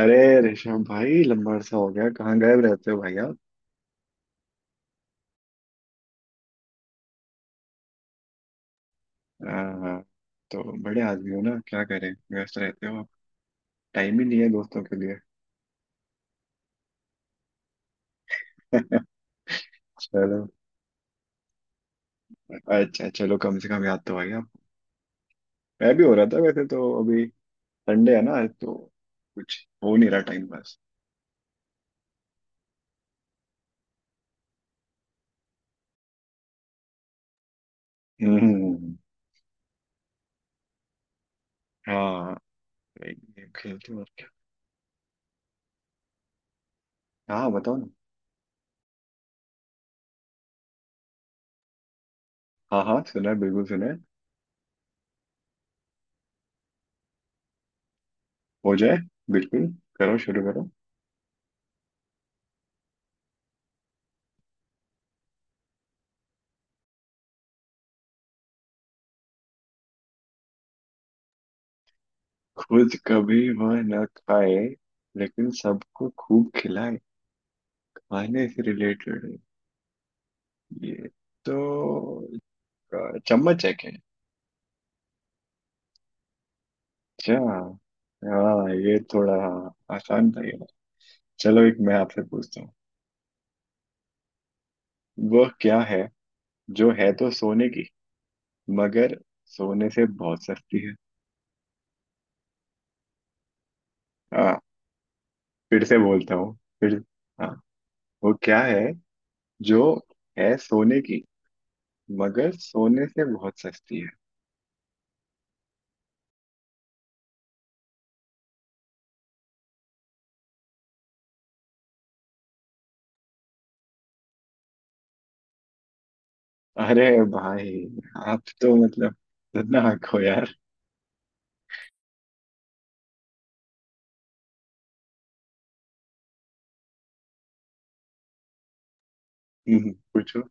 अरे ऋषभ भाई, लंबा अरसा हो गया। कहाँ गायब रहते हो भाई आप? आ, तो बड़े आदमी हो ना, क्या करें। व्यस्त रहते हो आप। टाइम ही नहीं है दोस्तों के लिए। चलो, अच्छा चलो, कम से कम याद तो आई आप। मैं भी हो रहा था वैसे तो अभी। संडे है ना आज तो। कुछ हो नहीं रहा, टाइम पास। हम्म। हाँ, एक गेम खेलते हैं, और क्या। हाँ बताओ ना। हाँ हाँ, सुना है, बिल्कुल सुना है। हो जाए, बिल्कुल। करो, शुरू करो। खुद कभी वह न खाए, लेकिन सबको खूब खिलाए। खाने से रिलेटेड है ये तो। चम्मच है क्या? अच्छा, हाँ ये थोड़ा आसान था ये। चलो एक मैं आपसे पूछता हूँ। वह क्या है जो है तो सोने की, मगर सोने से बहुत सस्ती है। हाँ। फिर से बोलता हूँ फिर। हाँ, वो क्या है जो है सोने की, मगर सोने से बहुत सस्ती है। अरे भाई, आप तो मतलब खतरनाक हो यार। पूछो।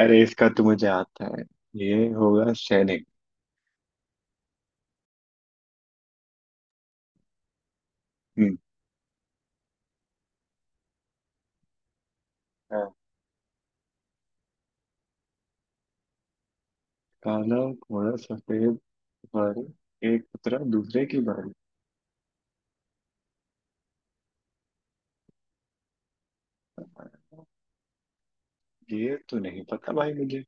अरे, इसका तो मुझे आता है। ये होगा सैनिक। हम्म। हाँ। काला घोड़ा सफेद बारी, एक उतरा दूसरे की बारी। ये तो नहीं पता भाई मुझे।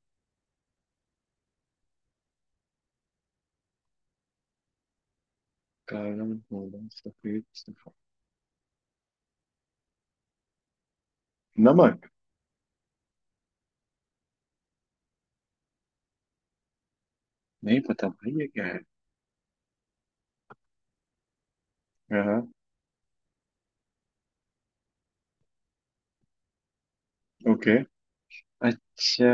काला घोड़ा सफेद सफेद। नमक। नहीं पता भाई ये क्या है। हाँ। ओके। अच्छा,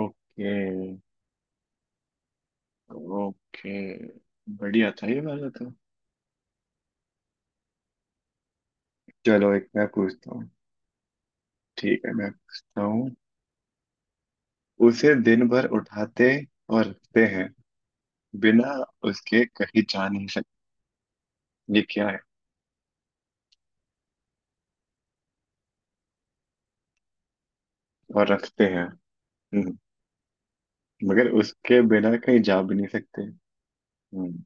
ओके, ओके, बढ़िया था ये वाला तो। चलो एक मैं पूछता हूँ। ठीक है, मैं पूछता हूँ। उसे दिन भर उठाते और रखते हैं, बिना उसके कहीं जा नहीं सकते। ये क्या है? और रखते हैं। हम्म, मगर उसके बिना कहीं जा भी नहीं सकते। हम्म,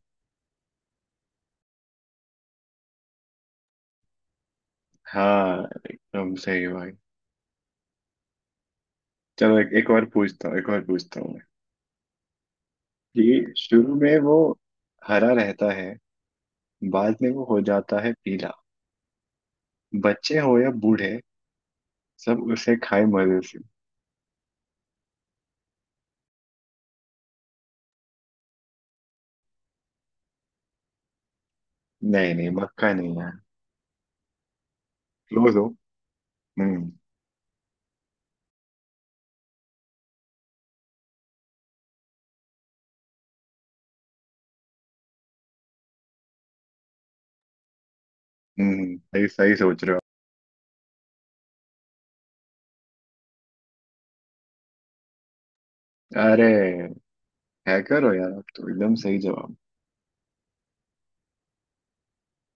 हाँ, एकदम सही भाई। चलो एक और पूछता हूँ, एक और पूछता हूँ मैं। कि शुरू में वो हरा रहता है, बाद में वो हो जाता है पीला। बच्चे हो या बूढ़े, सब उसे खाए मजे से। नहीं नहीं, मक्का नहीं है। क्लोज हो। हम्म। हम्म, सही सही सोच रहे हो। अरे, हैकर हो यार आप तो। एकदम सही जवाब।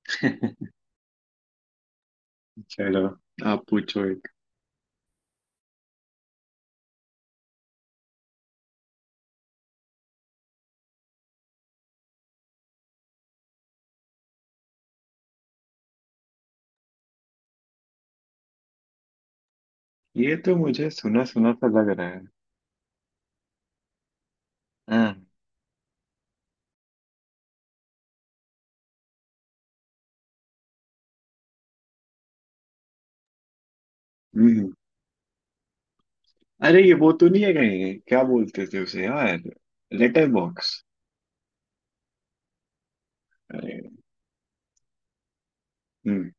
चलो आप पूछो एक। ये तो मुझे सुना सुना सा लग रहा है। हम्म। हम्म, अरे ये वो तो नहीं है कहीं? क्या बोलते थे उसे यार। Letter box. अरे। हम्म।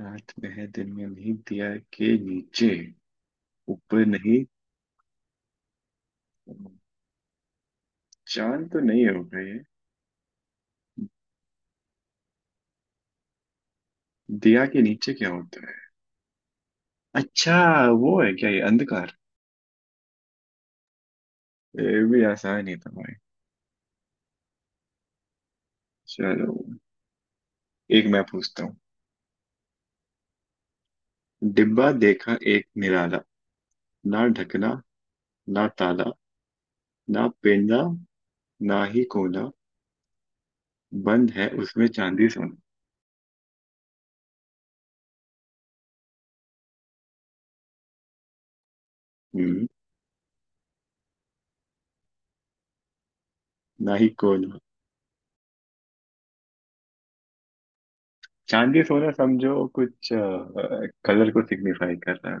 रात में है दिन में नहीं, दिया के नीचे ऊपर नहीं। चांद तो नहीं होगा ये। दिया के नीचे क्या होता है? अच्छा, वो है क्या ये, अंधकार? ये भी आसान ही था भाई। चलो एक मैं पूछता हूँ। डिब्बा देखा एक निराला, ना ढकना ना ताला, ना पेंदा ना ही कोना, बंद है उसमें चांदी सोना। हम्म। ना ही कोना। चांदी सोना समझो, कुछ कलर को सिग्निफाई कर रहा है।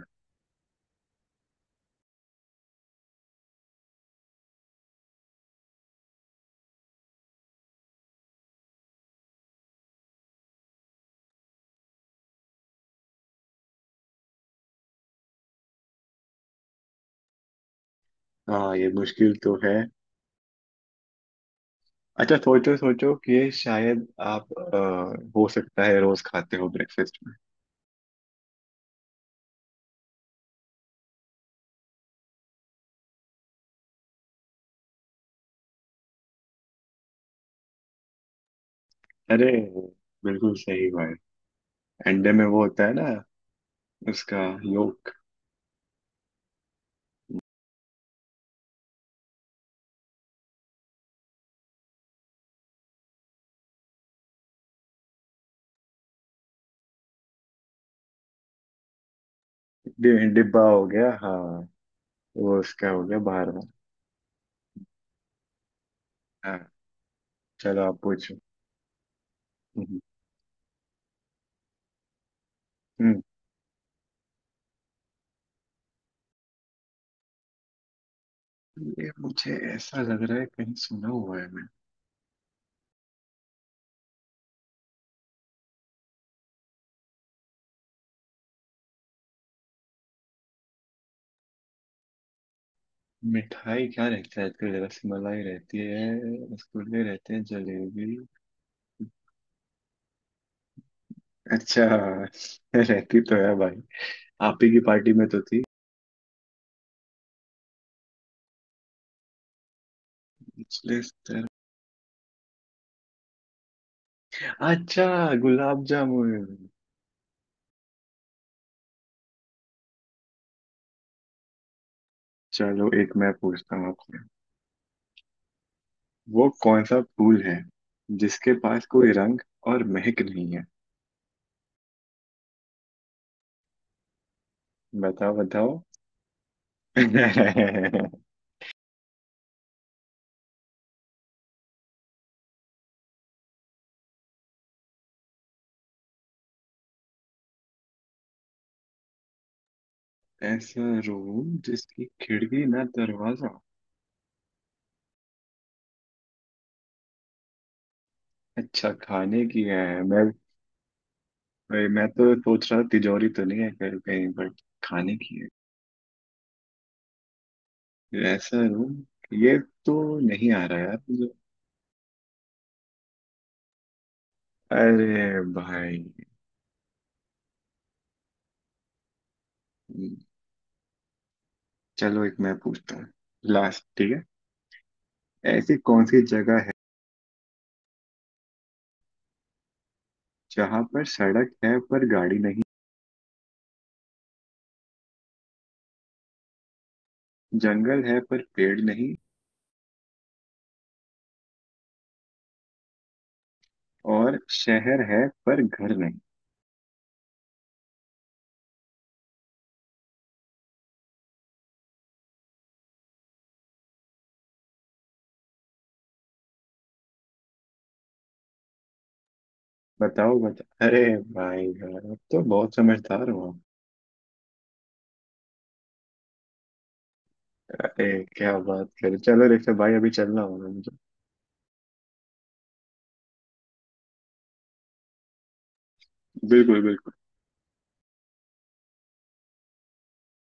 हाँ, ये मुश्किल तो है। अच्छा सोचो सोचो, कि ये शायद आप हो सकता है रोज खाते हो ब्रेकफास्ट में। अरे बिल्कुल सही भाई। अंडे में वो होता है ना, उसका योक। डिब्बा हो गया, हाँ। वो उसका हो गया बाहर में। चलो आप पूछो। हम्म। हम्म, ये मुझे ऐसा लग रहा है कहीं सुना हुआ है मैं। मिठाई क्या रहता है आजकल, जरा सी मलाई रहती है, रसगुल्ले रहते हैं, जलेबी। अच्छा, रहती तो है भाई, आप ही की पार्टी में तो थी। पिछले स्तर। अच्छा, गुलाब जामुन। चलो एक मैं पूछता हूँ आपसे। वो कौन सा फूल है जिसके पास कोई रंग और महक नहीं है? बताओ बताओ। ऐसा रूम जिसकी खिड़की ना दरवाजा। अच्छा, खाने की है। मैं मैं तो सोच रहा, तिजोरी तो नहीं है कहीं कहीं, बट खाने की है ऐसा रूम। ये तो नहीं आ रहा यार मुझे। अरे भाई। चलो एक मैं पूछता हूँ, लास्ट, ठीक है। ऐसी कौन सी जगह है जहाँ पर सड़क है पर गाड़ी नहीं, जंगल है पर पेड़ नहीं, और शहर है पर घर नहीं। बताओ बताओ। अरे भाई यार, अब तो बहुत समझदार हो। क्या बात करे, चलो रेखा भाई, अभी चलना होगा मुझे। बिल्कुल बिल्कुल।